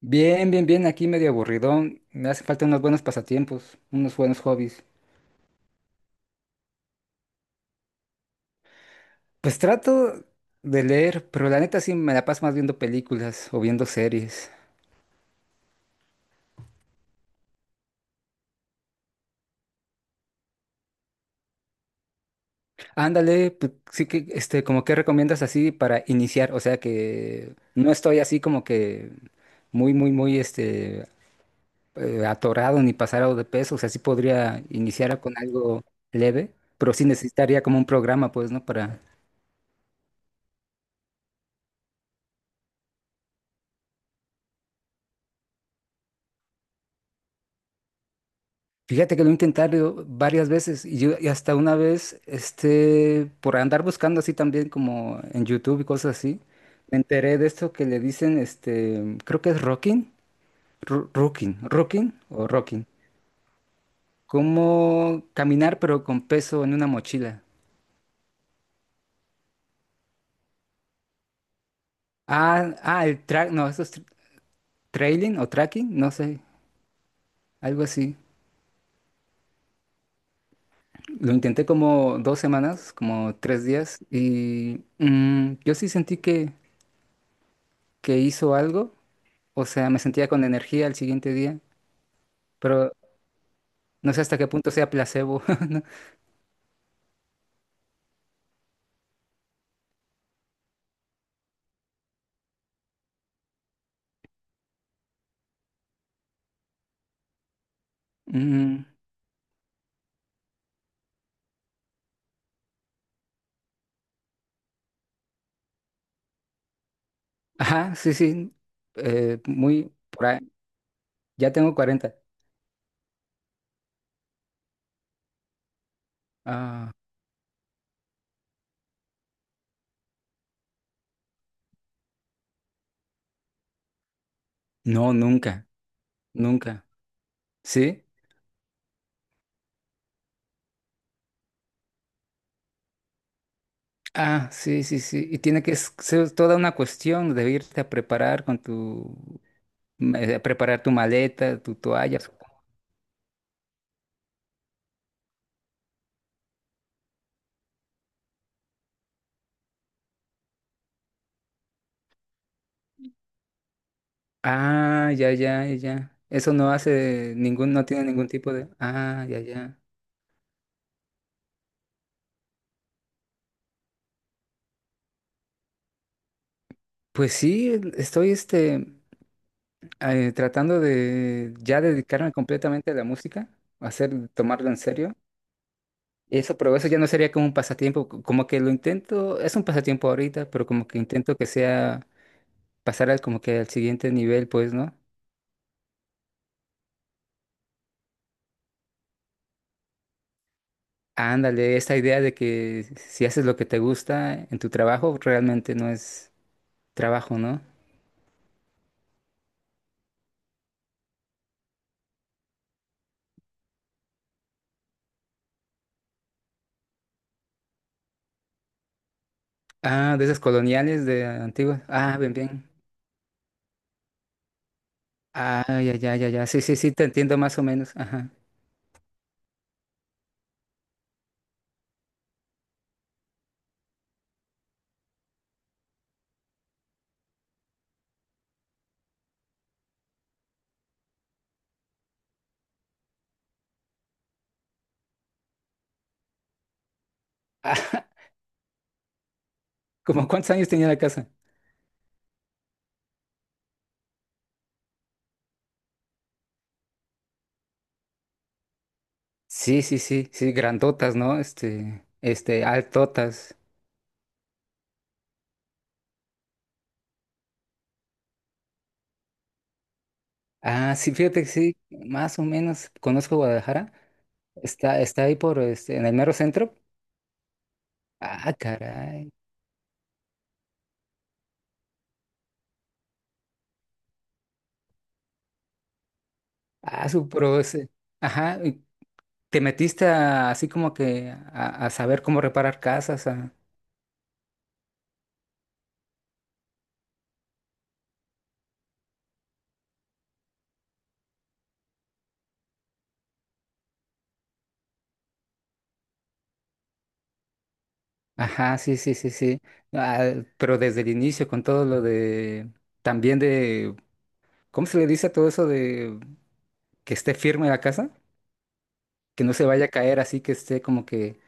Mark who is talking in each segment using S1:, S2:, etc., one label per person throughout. S1: Bien, bien, bien, aquí medio aburridón. Me hace falta unos buenos pasatiempos, unos buenos hobbies. Pues trato de leer, pero la neta sí me la paso más viendo películas o viendo series. Ándale, pues, sí que, como que recomiendas así para iniciar, o sea que no estoy así como que muy, muy, muy, atorado ni pasado de peso, o sea, sí podría iniciar con algo leve, pero sí necesitaría como un programa, pues, ¿no? Para fíjate que lo he intentado varias veces y, y hasta una vez, por andar buscando así también como en YouTube y cosas así, me enteré de esto que le dicen, creo que es rocking, rocking, rocking o rocking, como caminar pero con peso en una mochila. Ah, ah, el track, no, eso es trailing o tracking, no sé, algo así. Lo intenté como 2 semanas, como 3 días y yo sí sentí que hizo algo. O sea, me sentía con energía al siguiente día, pero no sé hasta qué punto sea placebo. ¿No? Mm, ajá, sí, sí. Eh, muy por ahí. Ya tengo 40. Ah, no, nunca, nunca. ¿Sí? Ah, sí, sí, sí. Y tiene que ser toda una cuestión de irte a preparar con tu preparar tu maleta, tu toalla, supongo. Ah, ya, ya, ya, ya. Eso no hace ningún, no tiene ningún tipo de ah, ya, ya. Pues sí, estoy tratando de ya dedicarme completamente a la música, hacer, tomarlo en serio. Eso, pero eso ya no sería como un pasatiempo, como que lo intento, es un pasatiempo ahorita, pero como que intento que sea pasar al como que al siguiente nivel, pues, ¿no? Ándale, esta idea de que si haces lo que te gusta en tu trabajo, realmente no es trabajo, ¿no? Ah, de esas coloniales de antiguas. Ah, bien, bien. Ah, ya, ya, ya, ya. Sí, sí, sí, te entiendo más o menos. Ajá. Ah, ¿cómo cuántos años tenía la casa? Sí, sí, sí, sí, grandotas, ¿no? Altotas. Ah, sí, fíjate que sí, más o menos conozco Guadalajara. Está, está ahí por, en el mero centro. Ah, caray. Ah, su pro ese. Ajá, y te metiste así como que a saber cómo reparar casas. Ajá, sí, sí, sí, sí. Ah, pero desde el inicio con todo lo de, también de, ¿cómo se le dice a todo eso de que esté firme la casa? Que no se vaya a caer así, que esté como que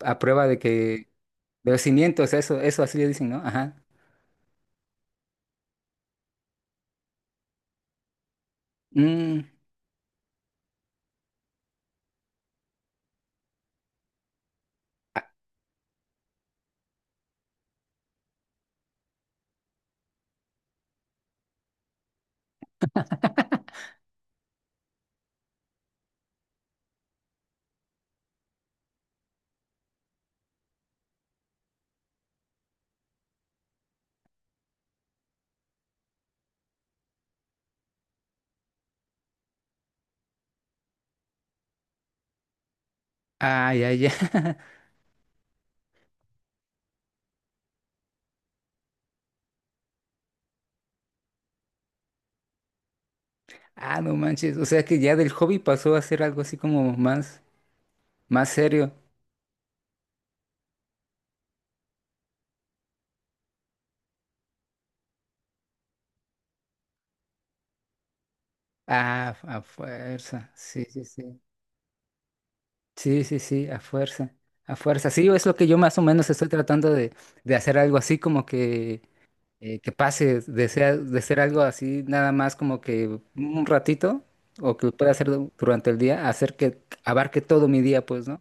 S1: a prueba de que, de los cimientos, eso así le dicen, ¿no? Ajá. Mm, a- ay, ay, ay. Ah, no manches. O sea que ya del hobby pasó a ser algo así como más, más serio. Ah, a fuerza. Sí, sí, sí. Sí, sí, sí, a fuerza. A fuerza. Sí, es lo que yo más o menos estoy tratando de hacer algo así como que pase de ser algo así nada más como que un ratito o que pueda hacer durante el día, hacer que abarque todo mi día, pues, ¿no?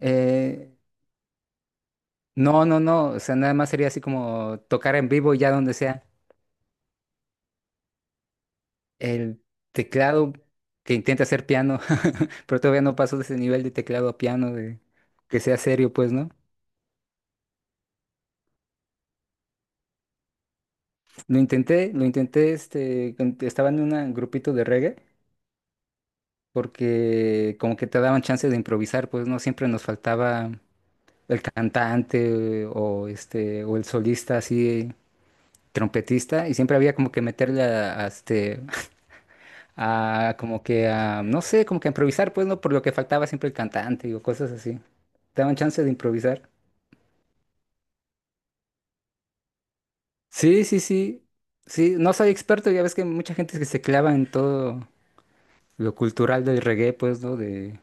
S1: Eh, no, no, no, o sea, nada más sería así como tocar en vivo ya donde sea. El teclado que intenta hacer piano, pero todavía no paso de ese nivel de teclado a piano, de que sea serio, pues, ¿no? Lo intenté, estaba en un grupito de reggae, porque como que te daban chance de improvisar, pues, ¿no? Siempre nos faltaba el cantante o o el solista así, trompetista, y siempre había como que meterle a a como que a, no sé, como que a improvisar, pues, ¿no? Por lo que faltaba siempre el cantante o cosas así. Te daban chance de improvisar. Sí, sí, sí. Sí, no soy experto, ya ves que mucha gente que se clava en todo lo cultural del reggae, pues, ¿no? De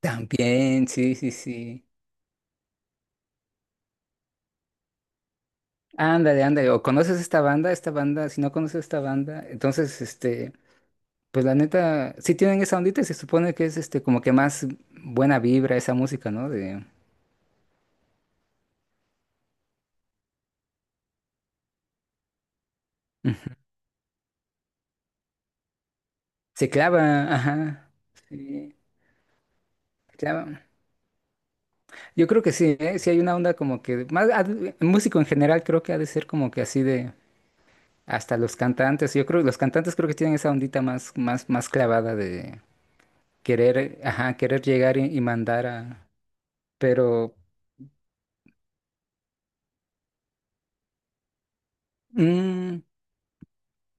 S1: También, sí, sí, sí. Ándale, ándale, o conoces esta banda, si no conoces esta banda, entonces, pues la neta, sí tienen esa ondita, y se supone que es, como que más buena vibra esa música, ¿no? De ujú. Se clava, ajá, sí, se clava. Yo creo que sí, ¿eh? Sí hay una onda como que, más, músico en general creo que ha de ser como que así de, hasta los cantantes, yo creo, los cantantes creo que tienen esa ondita más, más, más clavada de querer, ajá, querer llegar y mandar a, pero, mm,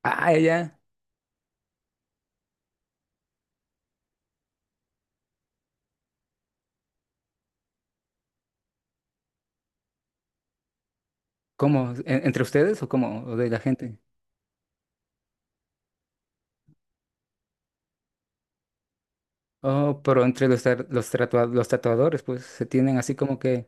S1: ah, ya, ¿cómo? ¿Entre ustedes o cómo? ¿O de la gente? Oh, pero entre los, los tatuadores, pues, se tienen así como que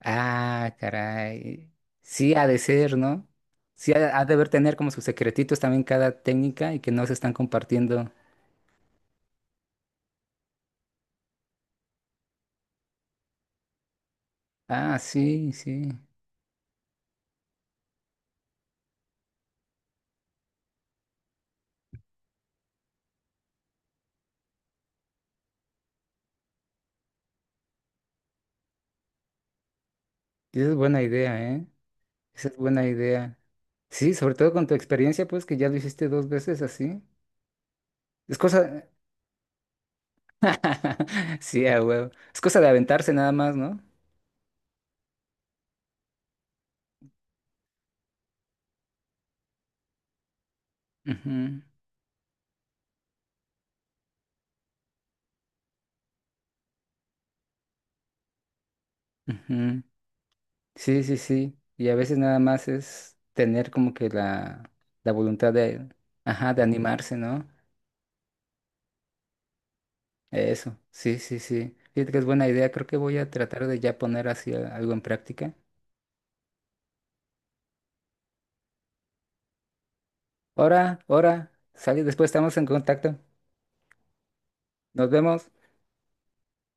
S1: ah, caray. Sí ha de ser, ¿no? Sí ha, ha de haber tener como sus secretitos también cada técnica y que no se están compartiendo. Ah, sí, sí. Esa es buena idea, ¿eh? Esa es buena idea. Sí, sobre todo con tu experiencia, pues que ya lo hiciste dos veces así. Es cosa sí, a huevo. Es cosa de aventarse nada más, ¿no? Ujú, ujú. Sí, sí, sí. Y a veces nada más es tener como que la voluntad de, ajá, de animarse, ¿no? Eso, sí, sí, sí. Fíjate que es buena idea. Creo que voy a tratar de ya poner así algo en práctica. Ahora, ahora, sale, después estamos en contacto. Nos vemos.